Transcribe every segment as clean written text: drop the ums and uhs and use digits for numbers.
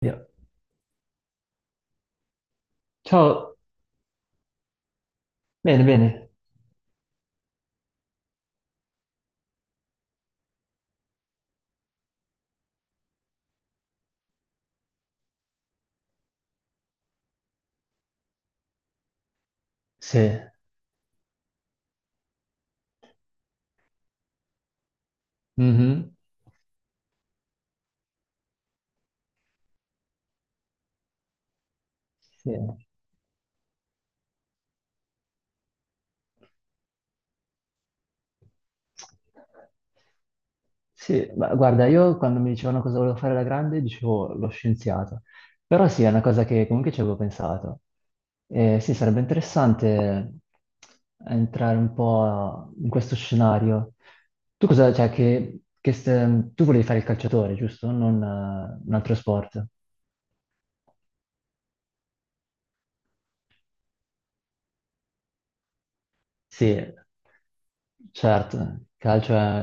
Via. Ciao, bene, bene. Sì. Mhm. Sì. Sì, ma guarda, io quando mi dicevano cosa volevo fare da grande dicevo lo scienziato, però sì, è una cosa che comunque ci avevo pensato. Sì, sarebbe interessante entrare un po' in questo scenario. Tu cosa, cioè, tu volevi fare il calciatore, giusto? Non un altro sport. Sì, certo,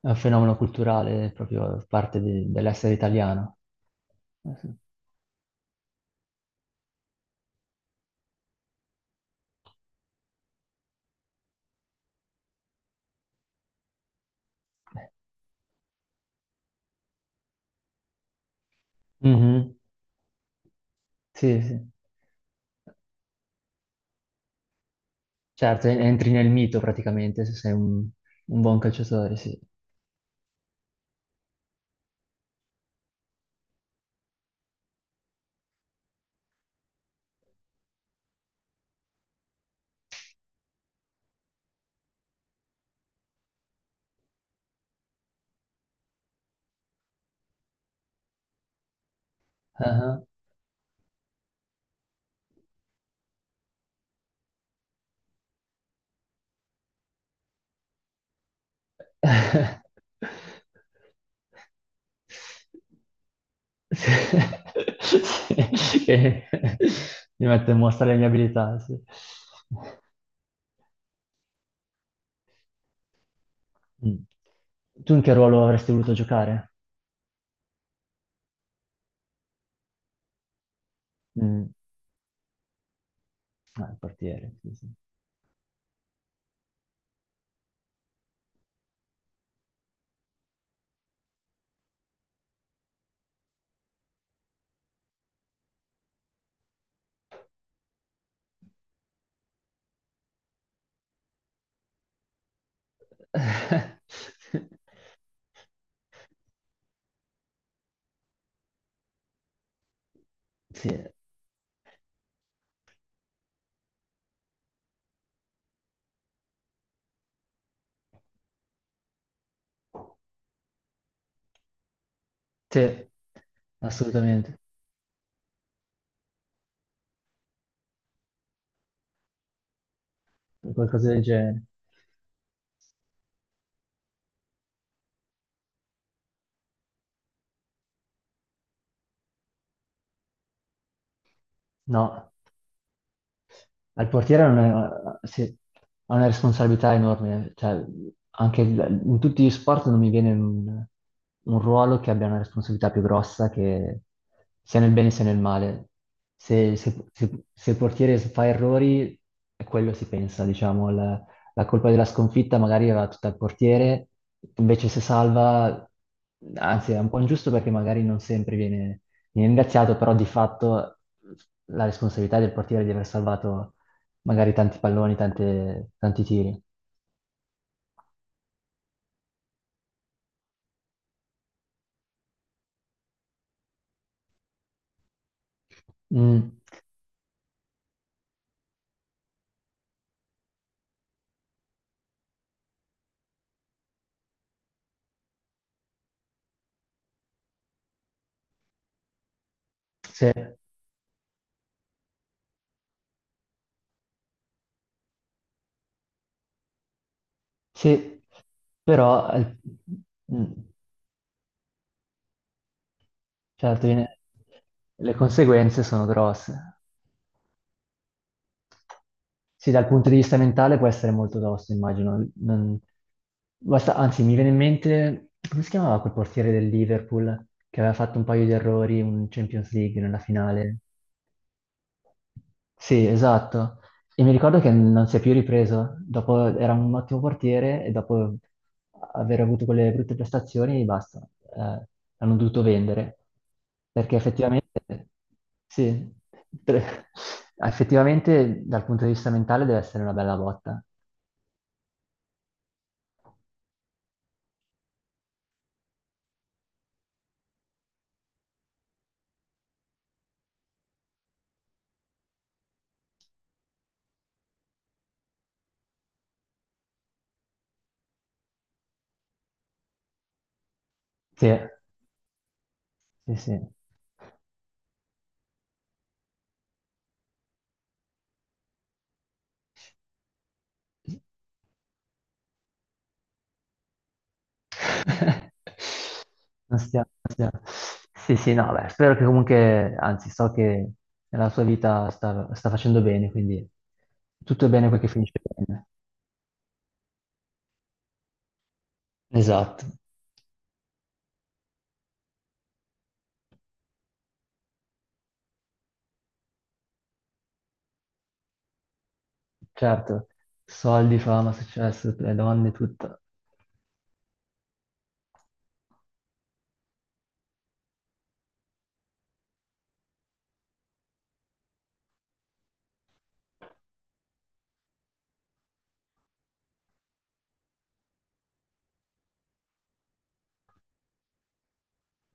è un fenomeno culturale, è proprio dell'essere italiano. Mhm. Sì, sì. Certo, entri nel mito praticamente se sei un buon calciatore, sì. Ah. Sì. Sì. Che mi metto in mostra le mie abilità, sì. Mm. Tu in che ruolo avresti voluto giocare? Mm. Ah, il portiere, sì, sì. Sì, sì, assolutamente, qualcosa del genere. No. Ma il portiere ha una responsabilità enorme, cioè anche in tutti gli sport non mi viene un ruolo che abbia una responsabilità più grossa, che sia nel bene sia nel male. Se il portiere fa errori, è quello si pensa, diciamo, la colpa della sconfitta magari va tutta al portiere, invece se salva, anzi è un po' ingiusto perché magari non sempre viene ringraziato, però di fatto la responsabilità del portiere di aver salvato magari tanti palloni, tanti tiri. Mm, sì, sì, però mm, cioè, alla fine le conseguenze sono grosse. Sì, dal punto di vista mentale può essere molto tosto, immagino. Anzi, mi viene in mente, come si chiamava quel portiere del Liverpool che aveva fatto un paio di errori in Champions League nella finale? Sì, esatto. E mi ricordo che non si è più ripreso. Dopo era un ottimo portiere e dopo aver avuto quelle brutte prestazioni, basta. Eh, hanno dovuto vendere. Perché effettivamente, sì, per- effettivamente dal punto di vista mentale deve essere una bella botta. Sì, sì, sì. Non stiamo, non stiamo. Sì, sì, no, beh, spero che comunque, anzi, so che nella sua vita sta facendo bene, quindi tutto è bene quel che finisce bene. Esatto, certo, soldi, fama, successo, le donne, tutto.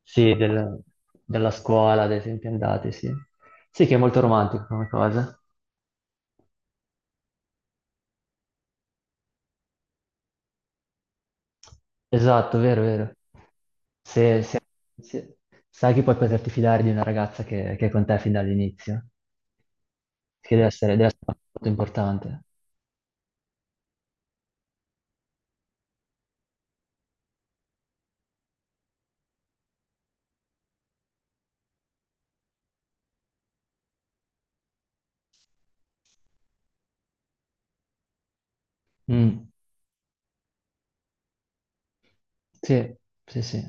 Sì, della scuola, ad esempio, andate, sì. Sì, che è molto romantico come cosa. Esatto, vero, vero. Se, se- se- Sai che puoi poterti fidare di una ragazza che è con te fin dall'inizio. Che deve essere molto importante. Mm. Sì, sì, sì.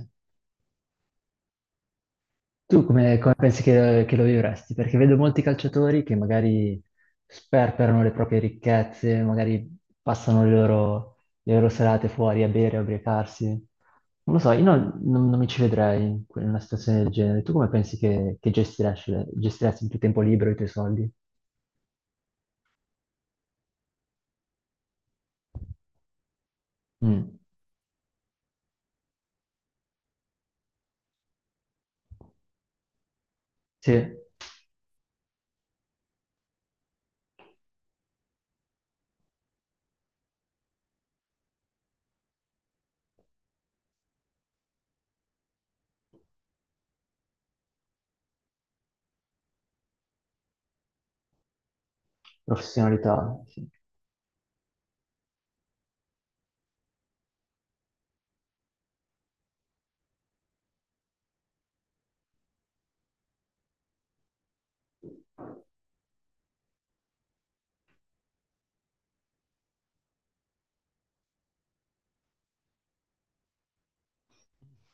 Tu come pensi che lo vivresti? Perché vedo molti calciatori che magari sperperano le proprie ricchezze, magari passano le loro serate fuori a bere, a ubriacarsi. Non lo so, io non, non- non mi ci vedrei in in una situazione del genere. Tu come pensi che gestiresti il tuo tempo libero, i tuoi soldi? Mm. Sì, professionalità. Sì,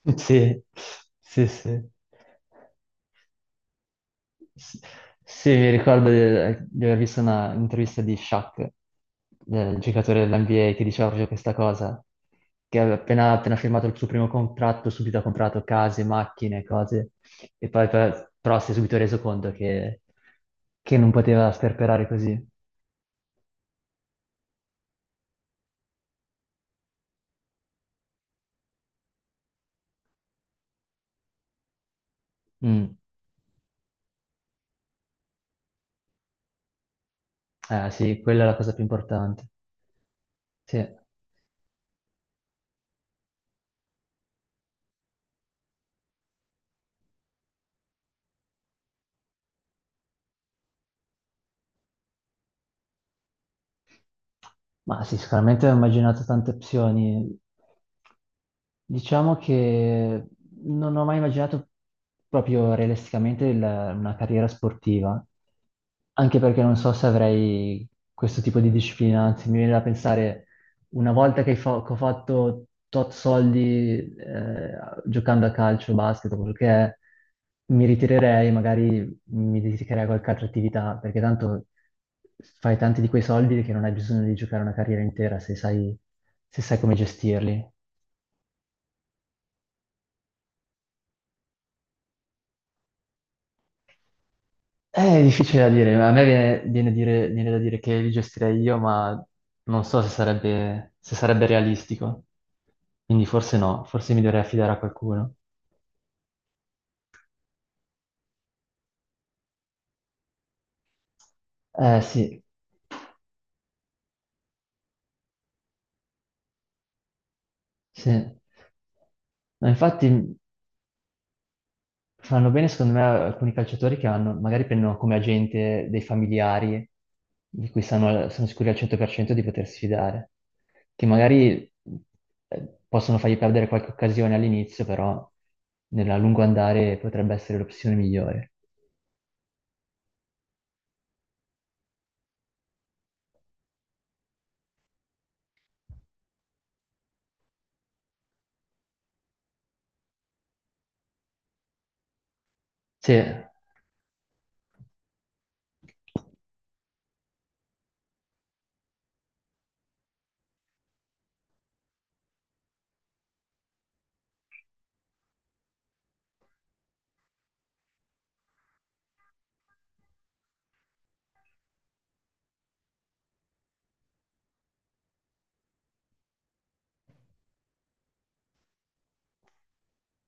sì, sì, sì. S- Sì, mi ricordo di aver visto una intervista di Shaq, del giocatore dell'NBA, che diceva proprio questa cosa, che aveva appena firmato il suo primo contratto, subito ha comprato case, macchine, cose, e poi però si è subito reso conto che non poteva sperperare così. Mm. Sì, quella è la cosa più importante. Sì. Ma sì, sicuramente ho immaginato tante opzioni. Diciamo che non ho mai immaginato proprio realisticamente una carriera sportiva, anche perché non so se avrei questo tipo di disciplina, anzi mi viene da pensare, una volta che, che ho fatto tot soldi giocando a calcio, basket, o quello che è, mi ritirerei, magari mi dedicherei a qualche altra attività, perché tanto fai tanti di quei soldi che non hai bisogno di giocare una carriera intera se sai come gestirli. È difficile da dire, ma a me viene, viene da dire che li gestirei io, ma non so se sarebbe, se sarebbe realistico. Quindi forse no, forse mi dovrei affidare a qualcuno. Eh sì, sì. Ma infatti fanno bene, secondo me, alcuni calciatori che hanno, magari prendono come agente dei familiari di cui sono sicuri al 100% di potersi fidare, che magari possono fargli perdere qualche occasione all'inizio, però nel lungo andare potrebbe essere l'opzione migliore. Sì, non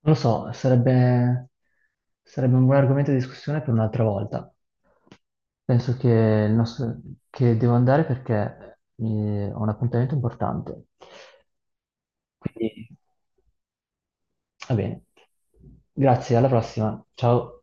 lo so, sarebbe, sarebbe un buon argomento di discussione per un'altra volta. Penso il nostro- che devo andare perché ho un appuntamento importante. Quindi, va bene. Grazie, alla prossima. Ciao.